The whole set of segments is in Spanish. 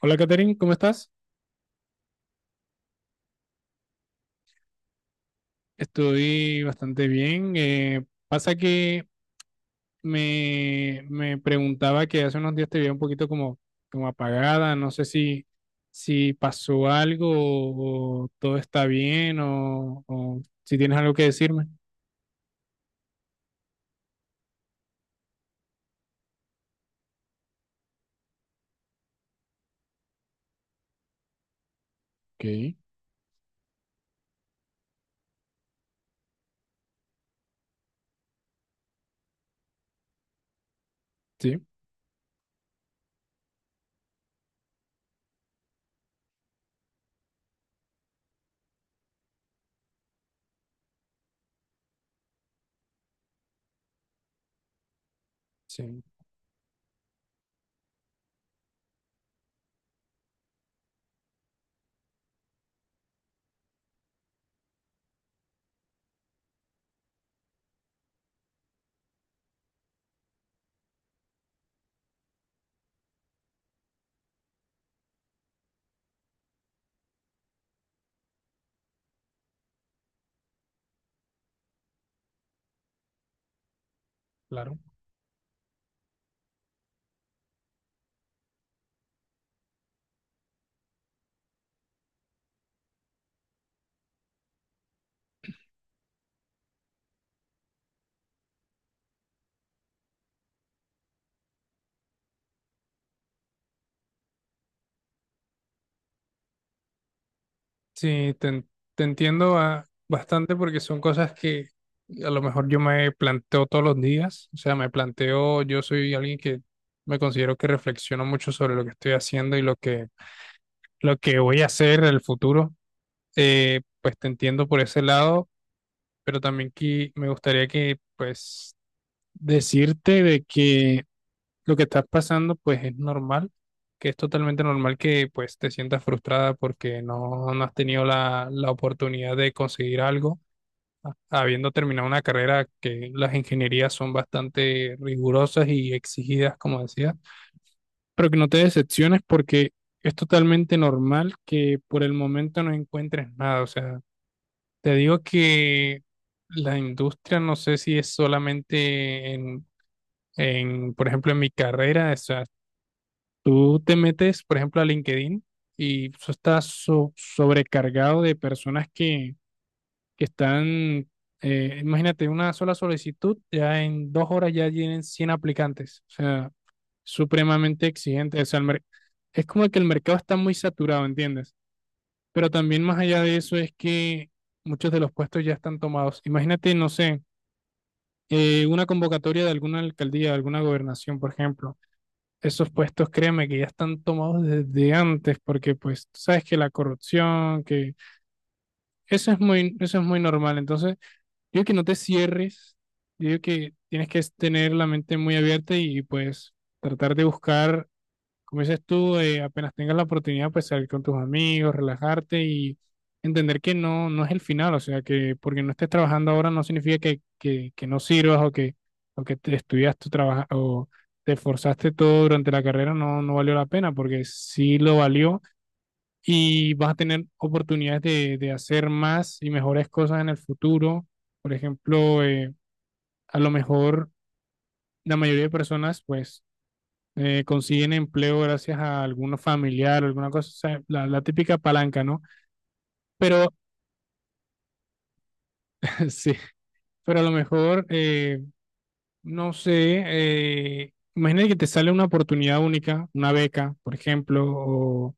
Hola, Katherine, ¿cómo estás? Estoy bastante bien. Pasa que me preguntaba que hace unos días te veía un poquito como, como apagada. No sé si, si pasó algo o todo está bien o si tienes algo que decirme. Ok, sí, sí, claro. Sí, te, en- Te entiendo, bastante, porque son cosas que a lo mejor yo me planteo todos los días. O sea, me planteo, yo soy alguien que me considero que reflexiono mucho sobre lo que estoy haciendo y lo que voy a hacer en el futuro. Pues te entiendo por ese lado, pero también que me gustaría que, pues, decirte de que lo que estás pasando, pues es normal, que es totalmente normal que pues te sientas frustrada porque no, no has tenido la, la oportunidad de conseguir algo, habiendo terminado una carrera, que las ingenierías son bastante rigurosas y exigidas, como decía, pero que no te decepciones porque es totalmente normal que por el momento no encuentres nada. O sea, te digo que la industria, no sé si es solamente en por ejemplo, en mi carrera. O sea, tú te metes, por ejemplo, a LinkedIn y eso está sobrecargado de personas que están, imagínate, una sola solicitud, ya en 2 horas ya tienen 100 aplicantes. O sea, supremamente exigente. O sea, es como que el mercado está muy saturado, ¿entiendes? Pero también más allá de eso es que muchos de los puestos ya están tomados. Imagínate, no sé, una convocatoria de alguna alcaldía, de alguna gobernación, por ejemplo, esos puestos, créeme que ya están tomados desde antes, porque pues tú sabes que la corrupción, que eso es muy normal. Entonces, yo digo que no te cierres, yo digo que tienes que tener la mente muy abierta y pues tratar de buscar, como dices tú, apenas tengas la oportunidad, pues salir con tus amigos, relajarte y entender que no, no es el final. O sea, que porque no estés trabajando ahora no significa que no sirvas, o que te estudias tu trabajo, o te esforzaste todo durante la carrera, no, no valió la pena, porque sí lo valió, y vas a tener oportunidades de hacer más y mejores cosas en el futuro. Por ejemplo, a lo mejor la mayoría de personas, pues consiguen empleo gracias a alguno familiar o alguna cosa. O sea, la típica palanca, ¿no? Pero sí, pero a lo mejor, no sé, imagínate que te sale una oportunidad única, una beca, por ejemplo,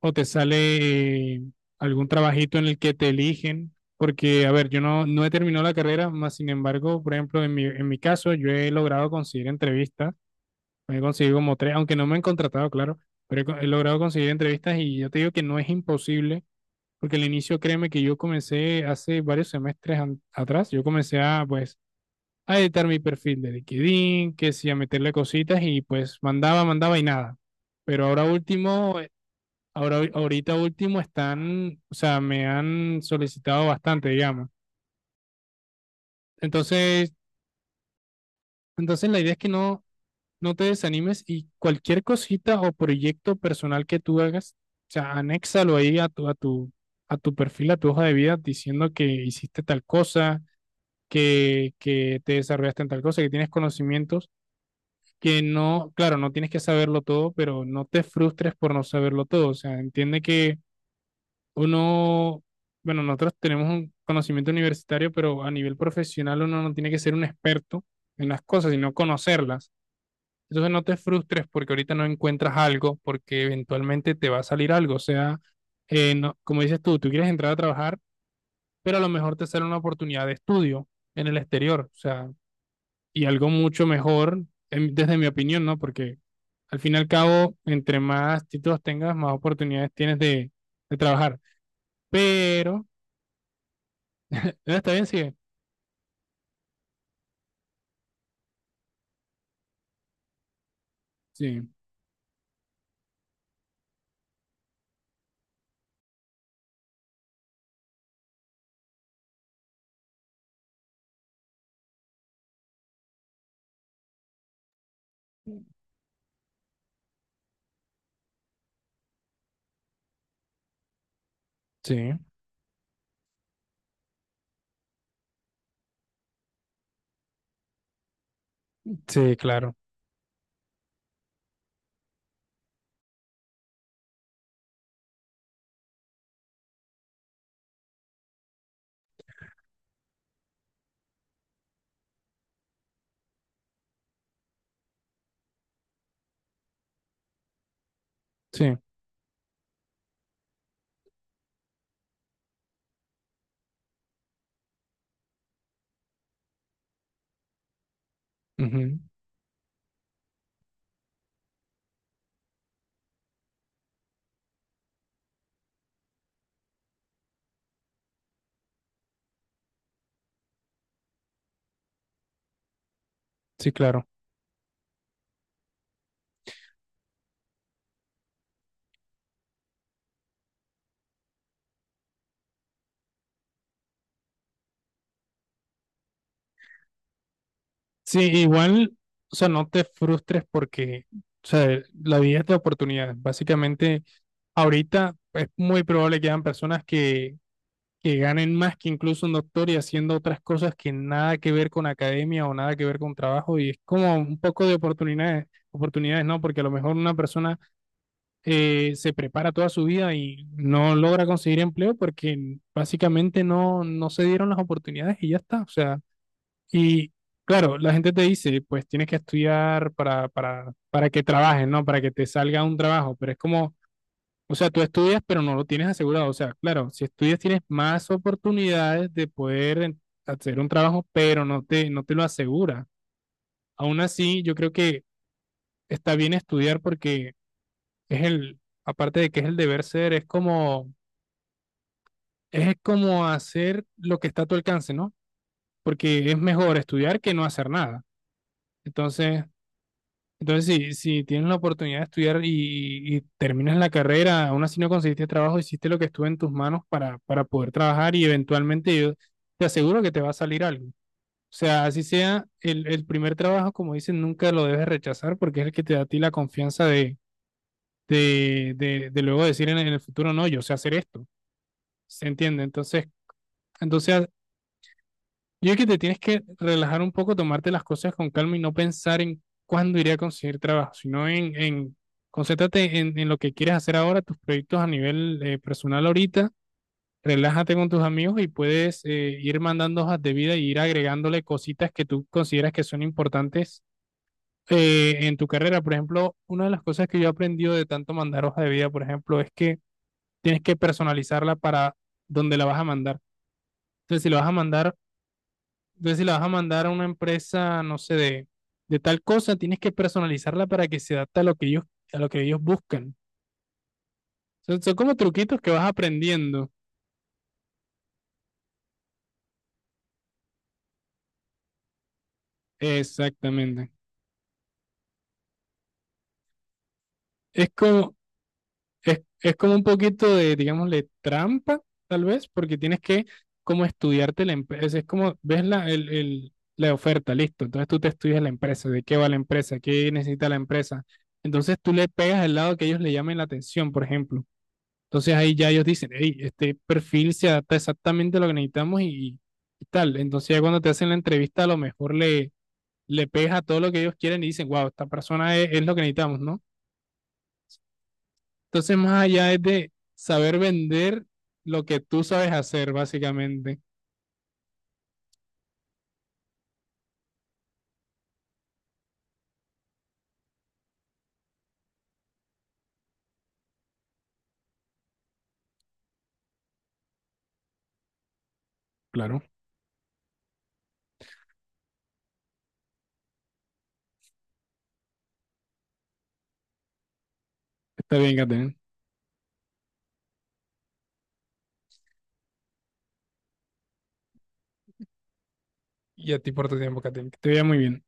o te sale eh, algún trabajito en el que te eligen. Porque, a ver, yo no, no he terminado la carrera, más sin embargo, por ejemplo, en mi caso, yo he logrado conseguir entrevistas. He conseguido como tres, aunque no me han contratado, claro, pero he, he logrado conseguir entrevistas, y yo te digo que no es imposible, porque al inicio, créeme que yo comencé hace varios semestres atrás, yo comencé a, pues, a editar mi perfil de LinkedIn, que sí, a meterle cositas y pues mandaba, mandaba y nada. Pero ahora último, ahora, ahorita último están, o sea, me han solicitado bastante, digamos. Entonces, entonces la idea es que no, no te desanimes, y cualquier cosita o proyecto personal que tú hagas, o sea, anéxalo ahí a tu, a tu, a tu perfil, a tu hoja de vida, diciendo que hiciste tal cosa, que te desarrollaste en tal cosa, que tienes conocimientos, que no, claro, no tienes que saberlo todo, pero no te frustres por no saberlo todo. O sea, entiende que uno, bueno, nosotros tenemos un conocimiento universitario, pero a nivel profesional uno no tiene que ser un experto en las cosas, sino conocerlas. Entonces no te frustres porque ahorita no encuentras algo, porque eventualmente te va a salir algo. O sea, como dices tú, tú quieres entrar a trabajar, pero a lo mejor te sale una oportunidad de estudio en el exterior. O sea, y algo mucho mejor, desde mi opinión, ¿no? Porque al fin y al cabo, entre más títulos tengas, más oportunidades tienes de trabajar. Pero, ¿está bien? Sí, sí, sí, sí, claro, sí, ujú, sí, claro. Sí, igual, o sea, no te frustres porque, o sea, la vida es de oportunidades. Básicamente, ahorita es muy probable que hayan personas que ganen más que incluso un doctor, y haciendo otras cosas que nada que ver con academia o nada que ver con trabajo. Y es como un poco de oportunidades, oportunidades, ¿no? Porque a lo mejor una persona se prepara toda su vida y no logra conseguir empleo porque básicamente no, no se dieron las oportunidades y ya está. O sea, y claro, la gente te dice, pues tienes que estudiar para que trabajes, ¿no? Para que te salga un trabajo, pero es como, o sea, tú estudias, pero no lo tienes asegurado. O sea, claro, si estudias tienes más oportunidades de poder hacer un trabajo, pero no te, no te lo asegura. Aún así, yo creo que está bien estudiar, porque es el, aparte de que es el deber ser, es como hacer lo que está a tu alcance, ¿no? Porque es mejor estudiar que no hacer nada. Entonces, entonces, si, si tienes la oportunidad de estudiar y terminas la carrera, aún así no conseguiste trabajo, hiciste lo que estuvo en tus manos para poder trabajar, y eventualmente yo te aseguro que te va a salir algo. O sea, así sea el primer trabajo, como dicen, nunca lo debes rechazar, porque es el que te da a ti la confianza de luego decir en el futuro, no, yo sé hacer esto. ¿Se entiende? Entonces, entonces, yo creo que te tienes que relajar un poco, tomarte las cosas con calma y no pensar en cuándo iré a conseguir trabajo, sino en concéntrate en lo que quieres hacer ahora, tus proyectos a nivel personal ahorita, relájate con tus amigos y puedes ir mandando hojas de vida y ir agregándole cositas que tú consideras que son importantes en tu carrera. Por ejemplo, una de las cosas que yo he aprendido de tanto mandar hoja de vida, por ejemplo, es que tienes que personalizarla para donde la vas a mandar. Entonces, si la vas a mandar, entonces, si la vas a mandar a una empresa, no sé, de tal cosa, tienes que personalizarla para que se adapte a lo que ellos, a lo que ellos buscan. Son, son como truquitos que vas aprendiendo. Exactamente. Es como, es como un poquito de, digámosle, trampa, tal vez, porque tienes que como estudiarte la empresa. Es como, ves la, la oferta, listo. Entonces tú te estudias la empresa, de qué va la empresa, qué necesita la empresa. Entonces tú le pegas al lado que ellos le llamen la atención, por ejemplo. Entonces ahí ya ellos dicen, hey, este perfil se adapta exactamente a lo que necesitamos, y tal. Entonces ya cuando te hacen la entrevista a lo mejor le, le pega todo lo que ellos quieren y dicen, wow, esta persona es lo que necesitamos, ¿no? Entonces más allá es de saber vender lo que tú sabes hacer, básicamente. Claro, está bien, Catherine. Y a ti por tu tiempo, Catherine. Que te vea muy bien.